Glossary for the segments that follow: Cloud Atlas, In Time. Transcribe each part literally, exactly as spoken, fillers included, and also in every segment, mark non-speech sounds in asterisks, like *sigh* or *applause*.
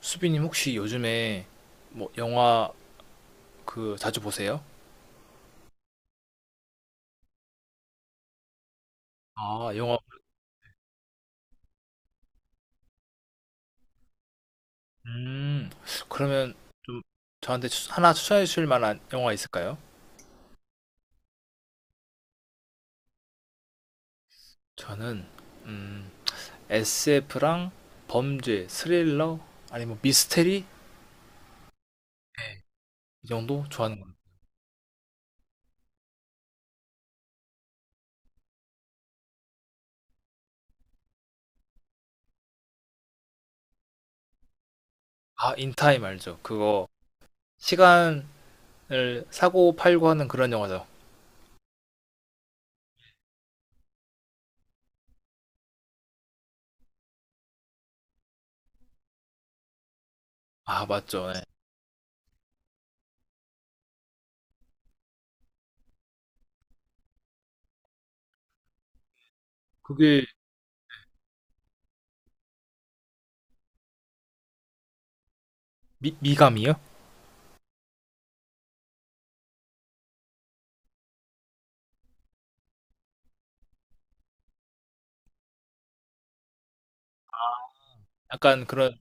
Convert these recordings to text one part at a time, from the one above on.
수빈님 혹시 요즘에 뭐 영화 그 자주 보세요? 아, 영화. 음, 그러면 좀 저한테 추- 하나 추천해 주실 만한 영화 있을까요? 저는 음, 에스에프랑 범죄, 스릴러 아니면 미스테리? 네. 이 정도 좋아하는 거. 아, 인타임 알죠? 그거 시간을 사고 팔고 하는 그런 영화죠. 아, 맞죠. 네. 그게 미, 미감이요? 약간 그런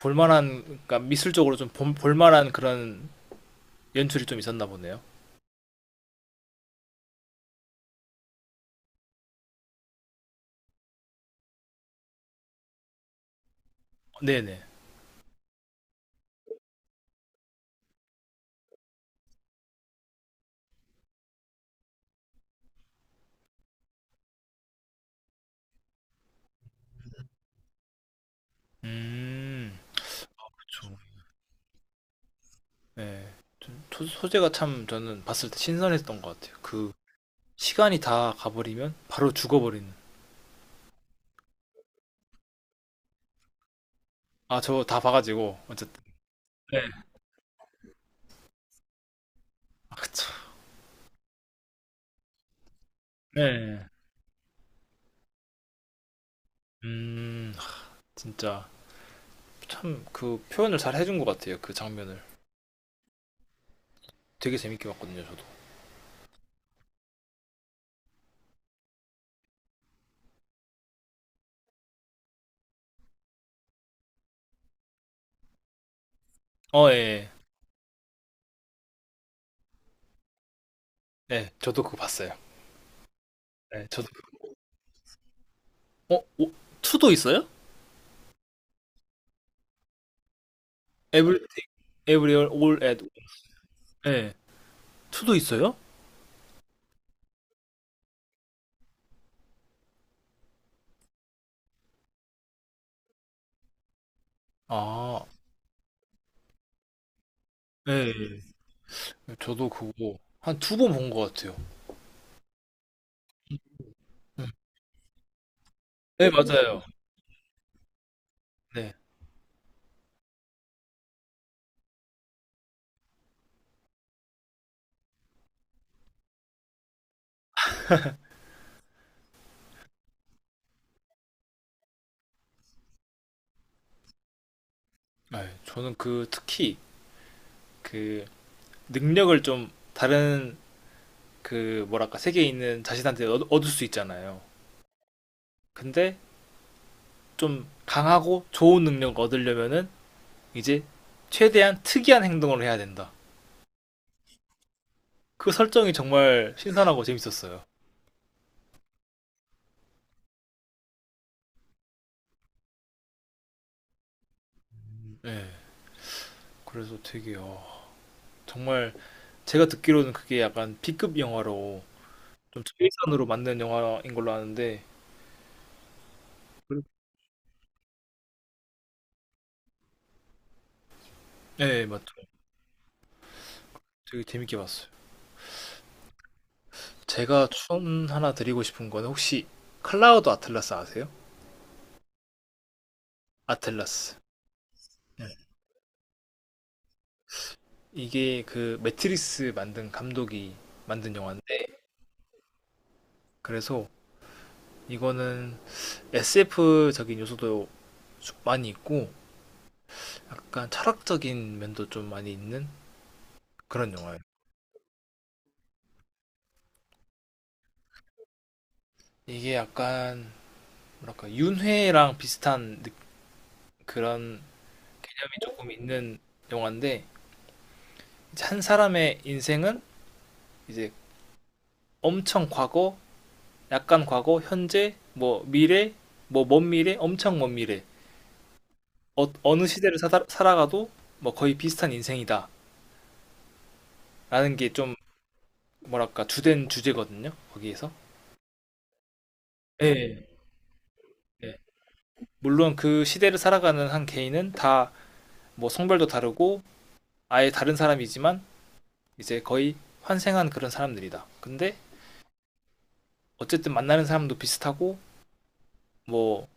볼만한, 그러니까 미술적으로 좀 볼- 볼만한 그런 연출이 좀 있었나 보네요. 네네. 음, 그쵸. 네. 좀 소- 소재가 참 저는 봤을 때 신선했던 것 같아요. 그 시간이 다 가버리면 바로 죽어버리는. 아, 저 다 봐가지고 어쨌든. 네. 아, 그쵸. 네. 음, 아, 진짜 참 그 표현을 잘 해준 것 같아요. 그 장면을 되게 재밌게 봤거든요. 저도. 어, 예. 예. 네, 저도 그거 봤어요. 네, 저도. 어, 오, 투도 있어요? 에브리 에브리얼 올 앳. 예. 투도 있어요? 아, 예. 예. 저도 그거 한 두 번 본 것 같아요. 음. 네, 음, 맞아요. 네. 아, 저는 그 특히 그 능력을 좀 다른 그 뭐랄까 세계에 있는 자신한테 얻, 얻을 수 있잖아요. 근데 좀 강하고 좋은 능력을 얻으려면은 이제 최대한 특이한 행동을 해야 된다. 그 설정이 정말 신선하고 재밌었어요. 네. 그래서 되게 어, 정말 제가 듣기로는 그게 약간 B급 영화로 최선으로 만든 영화인 걸로 아는데 네, 맞죠. 되게 재밌게 봤어요. 제가 추천 하나 드리고 싶은 거는 혹시 클라우드 아틀라스 아세요? 아틀라스. 네. 이게 그 매트리스 만든 감독이 만든 영화인데 그래서 이거는 에스에프적인 요소도 좀 많이 있고 약간 철학적인 면도 좀 많이 있는 그런 영화예요. 이게 약간 뭐랄까 윤회랑 비슷한 느- 그런 개념이 조금 있는 영화인데 이제 한 사람의 인생은 이제 엄청 과거, 약간 과거, 현재, 뭐 미래, 뭐 먼 미래, 엄청 먼 미래. 어, 느 시대를 사다- 살아가도 뭐 거의 비슷한 인생이다라는 게 좀 뭐랄까 주된 주제거든요. 거기에서. 네 네. 물론 그 시대를 살아가는 한 개인은 다 뭐 성별도 다르고 아예 다른 사람이지만 이제 거의 환생한 그런 사람들이다. 근데 어쨌든 만나는 사람도 비슷하고 뭐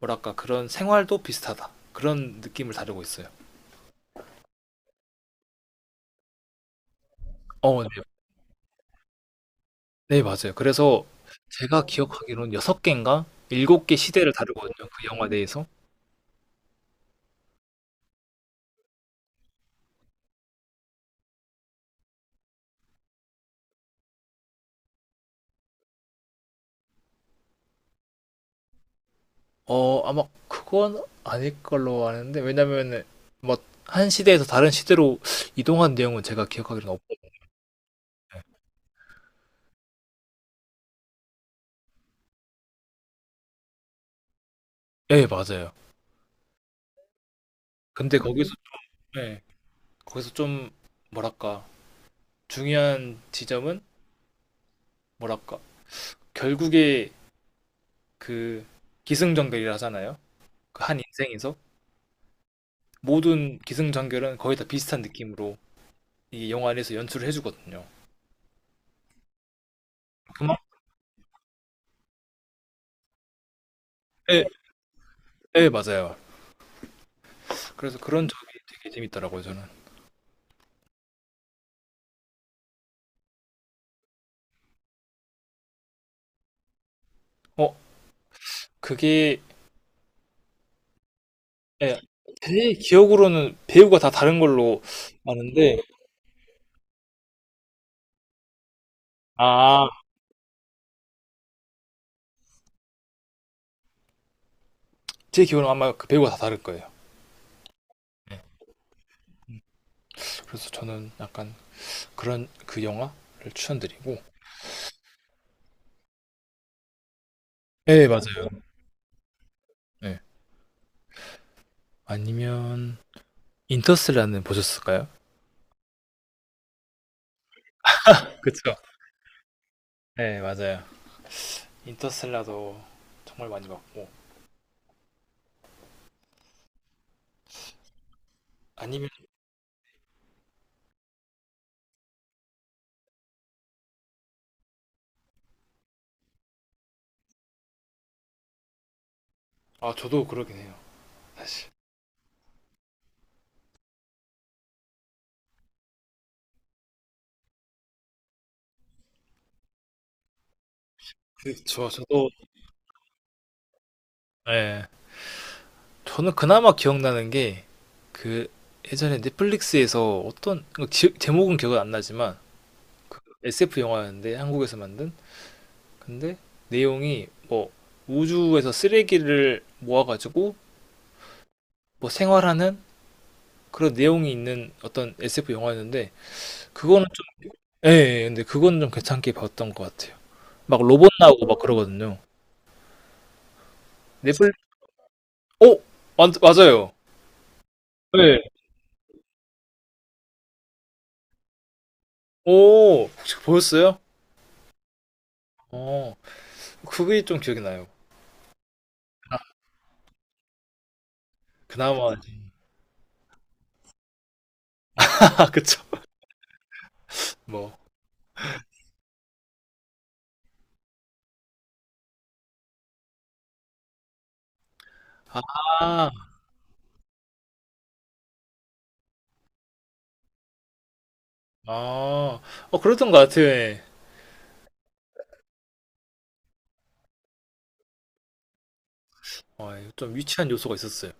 뭐랄까 그런 생활도 비슷하다. 그런 느낌을 다루고 있어요. 어, 네. 네, 맞아요. 그래서 제가 기억하기로는 여섯 개인가 일곱 개 시대를 다루거든요, 그 영화 내에서. 어 아마 그건 아닐 걸로 아는데 왜냐면은 뭐 한 시대에서 다른 시대로 이동한 내용은 제가 기억하기로는 없 예, 맞아요. 근데 거기서 예. 거기서 좀 뭐랄까 중요한 지점은 뭐랄까 결국에 그 기승전결이라 하잖아요. 그 한 인생에서 모든 기승전결은 거의 다 비슷한 느낌으로 이 영화 안에서 연출을 해 주거든요. 그만 예 네, 맞아요. 그래서 그런 점이 되게 재밌더라고요, 저는. 어, 그게, 예, 제 기억으로는 배우가 다 다른 걸로 아는데, 아, 제 기억으로는 아마 그 배우가 다 다를 거예요. 예, 그래서 저는 약간 그런 그 영화를 추천드리고, 네, 맞아요. 예. 아니면, 인터스텔라는 보셨을까요? 그쵸? 네, 맞아요. 인터스텔라도 정말 많이 봤고, 아니면, 아, 저도 그러긴 해요, 사실. 그, 저, 저도, 예. 저는 그나마 기억나는 게 그 예전에 넷플릭스에서 어떤 그 지- 제목은 기억은 안 나지만 에스에프 영화였는데 한국에서 만든 근데 내용이 뭐 우주에서 쓰레기를 모아가지고 뭐 생활하는 그런 내용이 있는 어떤 에스에프 영화였는데 그거는 좀 예, 예, 예. 근데 그거는 좀 괜찮게 봤던 것 같아요. 막 로봇 나오고 막 그러거든요. 넷플릭스 오 맞, 맞아요. 네. 오 혹시 보셨어요? 어 그게 좀 기억이 나요. 그나마 *laughs* 아 그쵸. 뭐. 아, 아, 어, 그랬던 것 같아. 어, 좀 유치한 요소가 있었어요.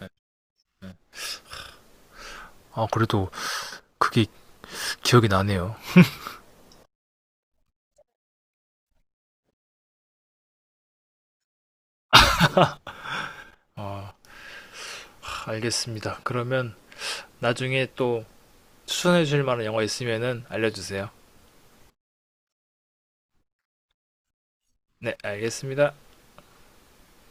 네, 네. 아, 그래도 그게 기억이 나네요. 아, 알겠습니다. 그러면 나중에 또 추천해 주실 만한 영화 있으면은 알려주세요. 네, 알겠습니다.